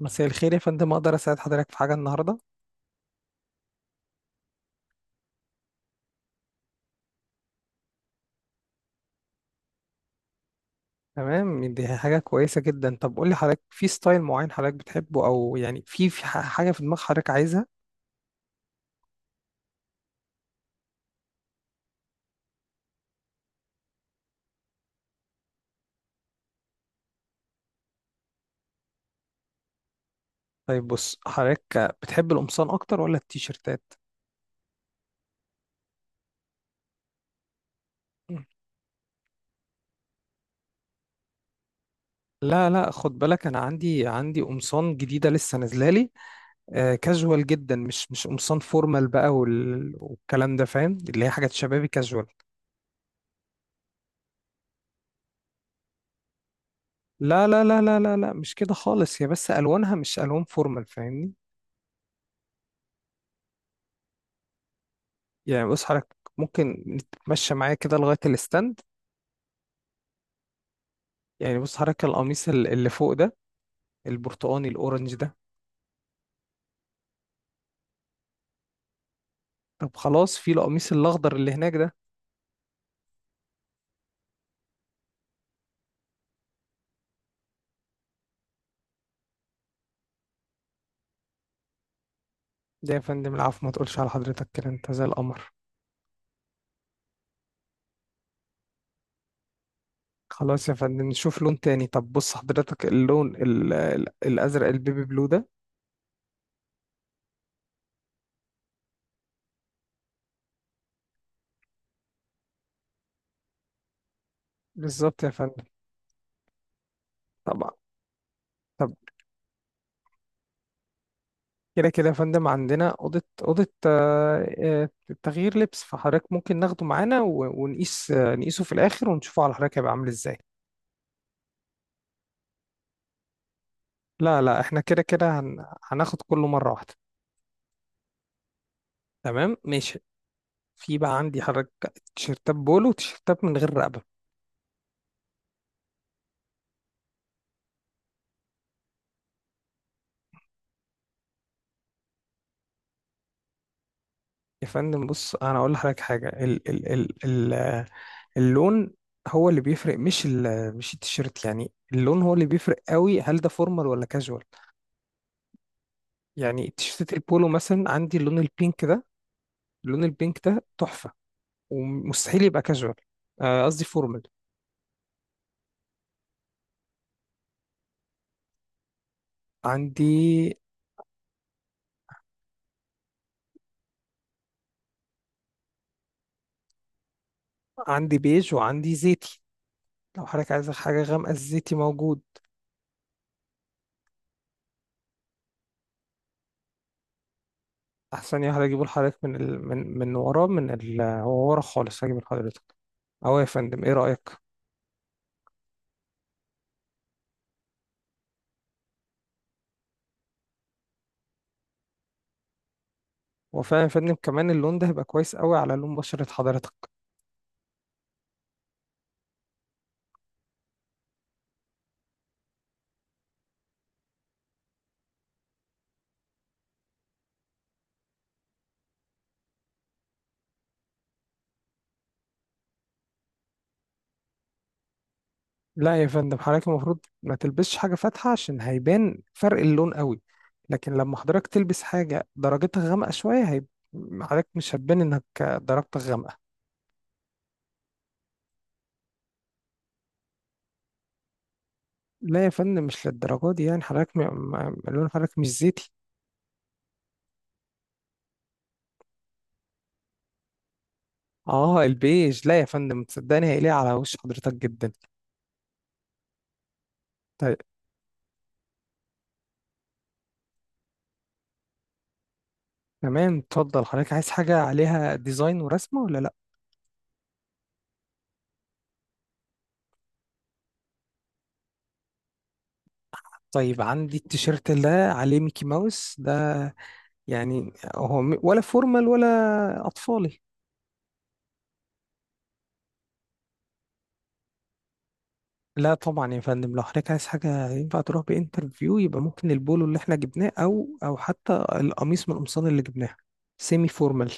مساء الخير يا فندم. اقدر اساعد حضرتك في حاجه النهارده؟ تمام، دي حاجه كويسه جدا. طب قول لي حضرتك، في ستايل معين حضرتك بتحبه، او يعني حاجه في دماغ حضرتك عايزها؟ طيب بص حضرتك، بتحب القمصان اكتر ولا التيشيرتات؟ لا لا، خد بالك، انا عندي قمصان جديده لسه نازله لي. آه، كاجوال جدا، مش قمصان فورمال بقى والكلام ده، فاهم؟ اللي هي حاجات شبابي كاجوال. لا لا لا لا لا لا، مش كده خالص، هي بس الوانها مش الوان فورمال، فاهمني؟ يعني بص حضرتك، ممكن تتمشى معايا كده لغاية الاستند. يعني بص حضرتك، القميص اللي فوق ده، البرتقاني الأورنج ده. طب خلاص، في القميص الأخضر اللي هناك ده. ده يا فندم، العفو، ما تقولش على حضرتك كده، أنت زي القمر. خلاص يا فندم، نشوف لون تاني. طب بص حضرتك، اللون الأزرق البيبي بلو ده. بالظبط يا فندم. طبعا. طب. كده كده يا فندم، عندنا أوضة تغيير لبس، فحضرتك ممكن ناخده معانا ونقيس، نقيسه في الآخر ونشوفه على حضرتك هيبقى عامل إزاي. لا لا، احنا كده كده، هناخد كله مرة واحدة. تمام، ماشي. في بقى عندي حضرتك تيشيرتات بولو وتيشيرتات من غير رقبة. يا فندم بص، انا اقول لحضرتك حاجة. اللون هو اللي بيفرق، مش التيشيرت، يعني اللون هو اللي بيفرق قوي، هل ده فورمال ولا كاجوال؟ يعني تيشيرتات البولو مثلا، عندي اللون البينك ده. اللون البينك ده تحفة. ومستحيل يبقى كاجوال. قصدي فورمال. عندي عندي بيج وعندي زيتي. لو حضرتك عايز حاجة غامقة، الزيتي موجود. احسن يا هجيبه لحضرتك من ورا هو ورا خالص، هجيب لحضرتك. اهو يا فندم، ايه رايك؟ هو فعلا يا فندم، كمان اللون ده هيبقى كويس قوي على لون بشرة حضرتك. لا يا فندم، حضرتك المفروض ما تلبسش حاجه فاتحه، عشان هيبان فرق اللون قوي. لكن لما حضرتك تلبس حاجه درجتها غامقه شويه، حضرتك مش هتبان انك درجتك غامقه. لا يا فندم، مش للدرجه دي، يعني حضرتك لون حضرتك مش زيتي. اه البيج، لا يا فندم، تصدقني هيليق على وش حضرتك جدا. طيب، تمام اتفضل. حضرتك عايز حاجة عليها ديزاين ورسمة ولا لأ؟ طيب، عندي التيشيرت ده عليه ميكي ماوس ده. يعني هو ولا فورمال ولا أطفالي؟ لا طبعا يا فندم، لو حضرتك عايز حاجة ينفع تروح بانترفيو، يبقى ممكن البولو اللي احنا جبناه أو حتى القميص من القمصان اللي جبناها، سيمي فورمال.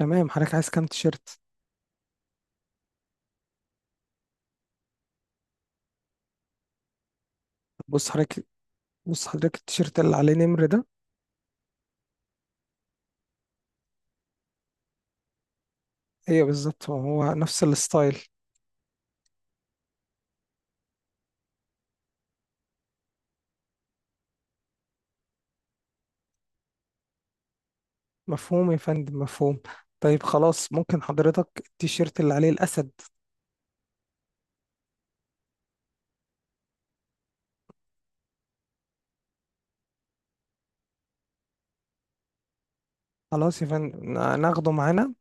تمام، حضرتك عايز كام تيشيرت؟ بص حضرتك بص حضرتك، التيشيرت اللي عليه نمر ده. ايوه بالظبط هو، هو نفس الستايل. مفهوم يا فندم، مفهوم. طيب خلاص، ممكن حضرتك التيشيرت اللي عليه الأسد؟ خلاص يا فندم، ناخده معانا.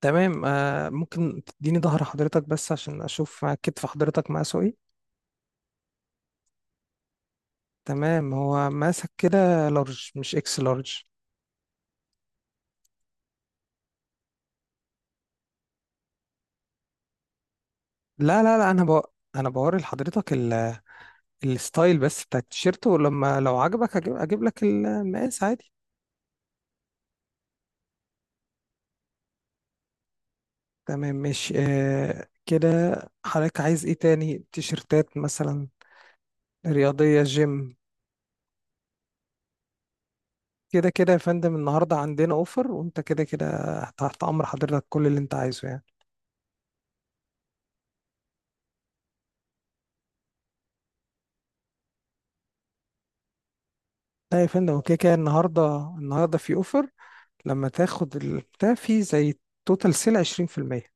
تمام. ممكن تديني ظهر حضرتك بس عشان أشوف كتف حضرتك مقاسه إيه. تمام، هو ماسك كده لارج مش إكس لارج. لا لا لا، أنا أنا بوري لحضرتك الستايل بس بتاع التيشيرت، ولما لو عجبك أجيب لك المقاس عادي. تمام، ماشي كده. حضرتك عايز إيه تاني، تيشيرتات مثلا؟ رياضية، جيم؟ كده كده يا فندم، النهارده عندنا اوفر، وانت كده كده تحت امر حضرتك، كل اللي انت عايزه يعني. لا يا فندم، وكده كده النهارده، في اوفر. لما تاخد البتاع، في زي توتال سيل، 20%.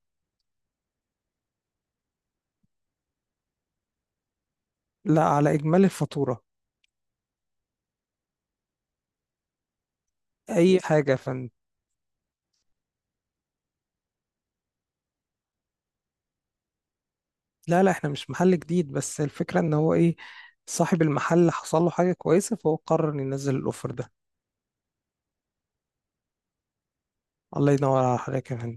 لا، على اجمالي الفاتوره. اي حاجه يا فندم. لا لا، احنا مش محل جديد، بس الفكره ان هو ايه، صاحب المحل حصل له حاجه كويسه، فهو قرر إنه ينزل الاوفر ده. الله ينور على حضرتك يا فندم.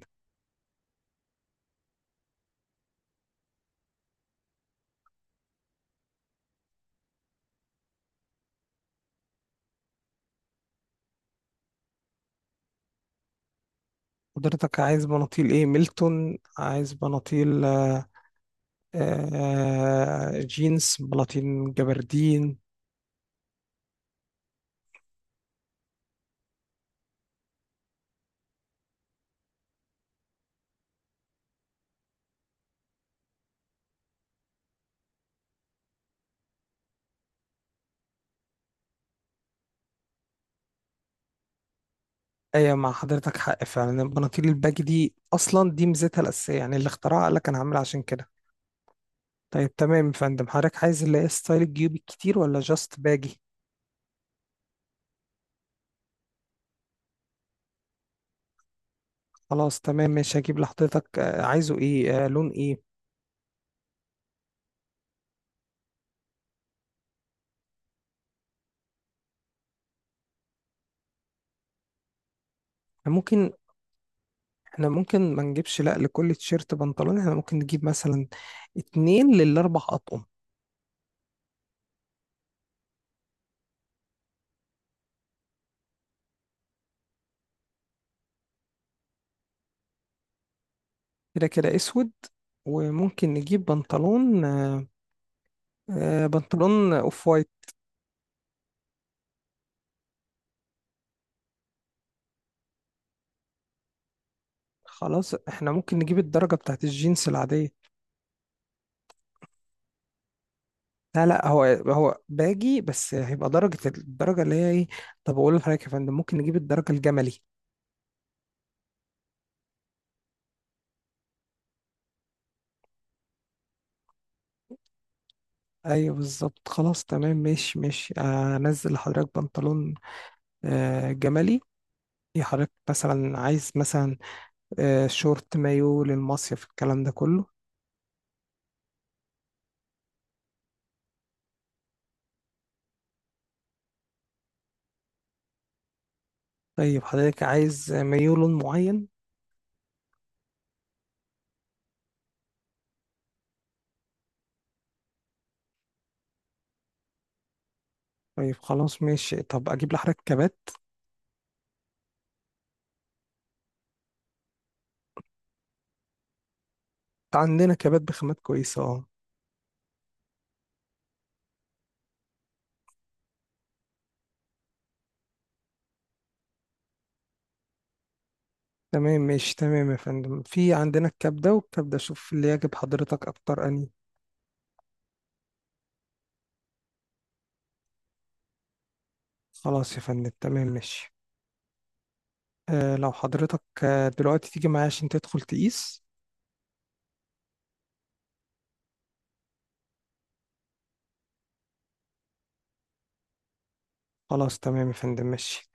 حضرتك عايز بناطيل ايه، ميلتون، عايز بناطيل جينز، بلاطين، جبردين؟ ايوه، مع حضرتك حق فعلا، البناطيل الباجي دي اصلا دي ميزتها الاساسيه، يعني اللي اخترعها قال لك انا هعملها عشان كده. طيب تمام يا فندم، حضرتك عايز اللي هي ستايل الجيوب الكتير ولا جاست باجي؟ خلاص تمام ماشي، هجيب لحضرتك. عايزه ايه، لون ايه؟ إحنا ممكن احنا ممكن ما نجيبش لا لكل تيشيرت بنطلون، احنا ممكن نجيب مثلا 2 لل4 اطقم. كده كده اسود، وممكن نجيب بنطلون، بنطلون اوف وايت. خلاص، احنا ممكن نجيب الدرجة بتاعت الجينز العادية. لا لا، هو هو باجي، بس هيبقى درجة الدرجة اللي هي ايه. طب اقول لحضرتك يا فندم، ممكن نجيب الدرجة الجملي. ايوه بالظبط. خلاص تمام، ماشي ماشي. انزل لحضرتك بنطلون جملي. يا حضرتك مثلا، عايز مثلا شورت، مايو للمصيف، الكلام ده كله؟ طيب، حضرتك عايز مايو لون معين؟ طيب خلاص ماشي. طب اجيب لحضرتك كبات؟ عندنا كبات بخامات كويسة، اه. تمام ماشي، تمام يا فندم، في عندنا الكبدة والكبدة، شوف اللي يعجب حضرتك أكتر أني. خلاص يا فندم، تمام ماشي. لو حضرتك دلوقتي تيجي معايا عشان تدخل تقيس. خلاص تمام يا فندم، ماشي.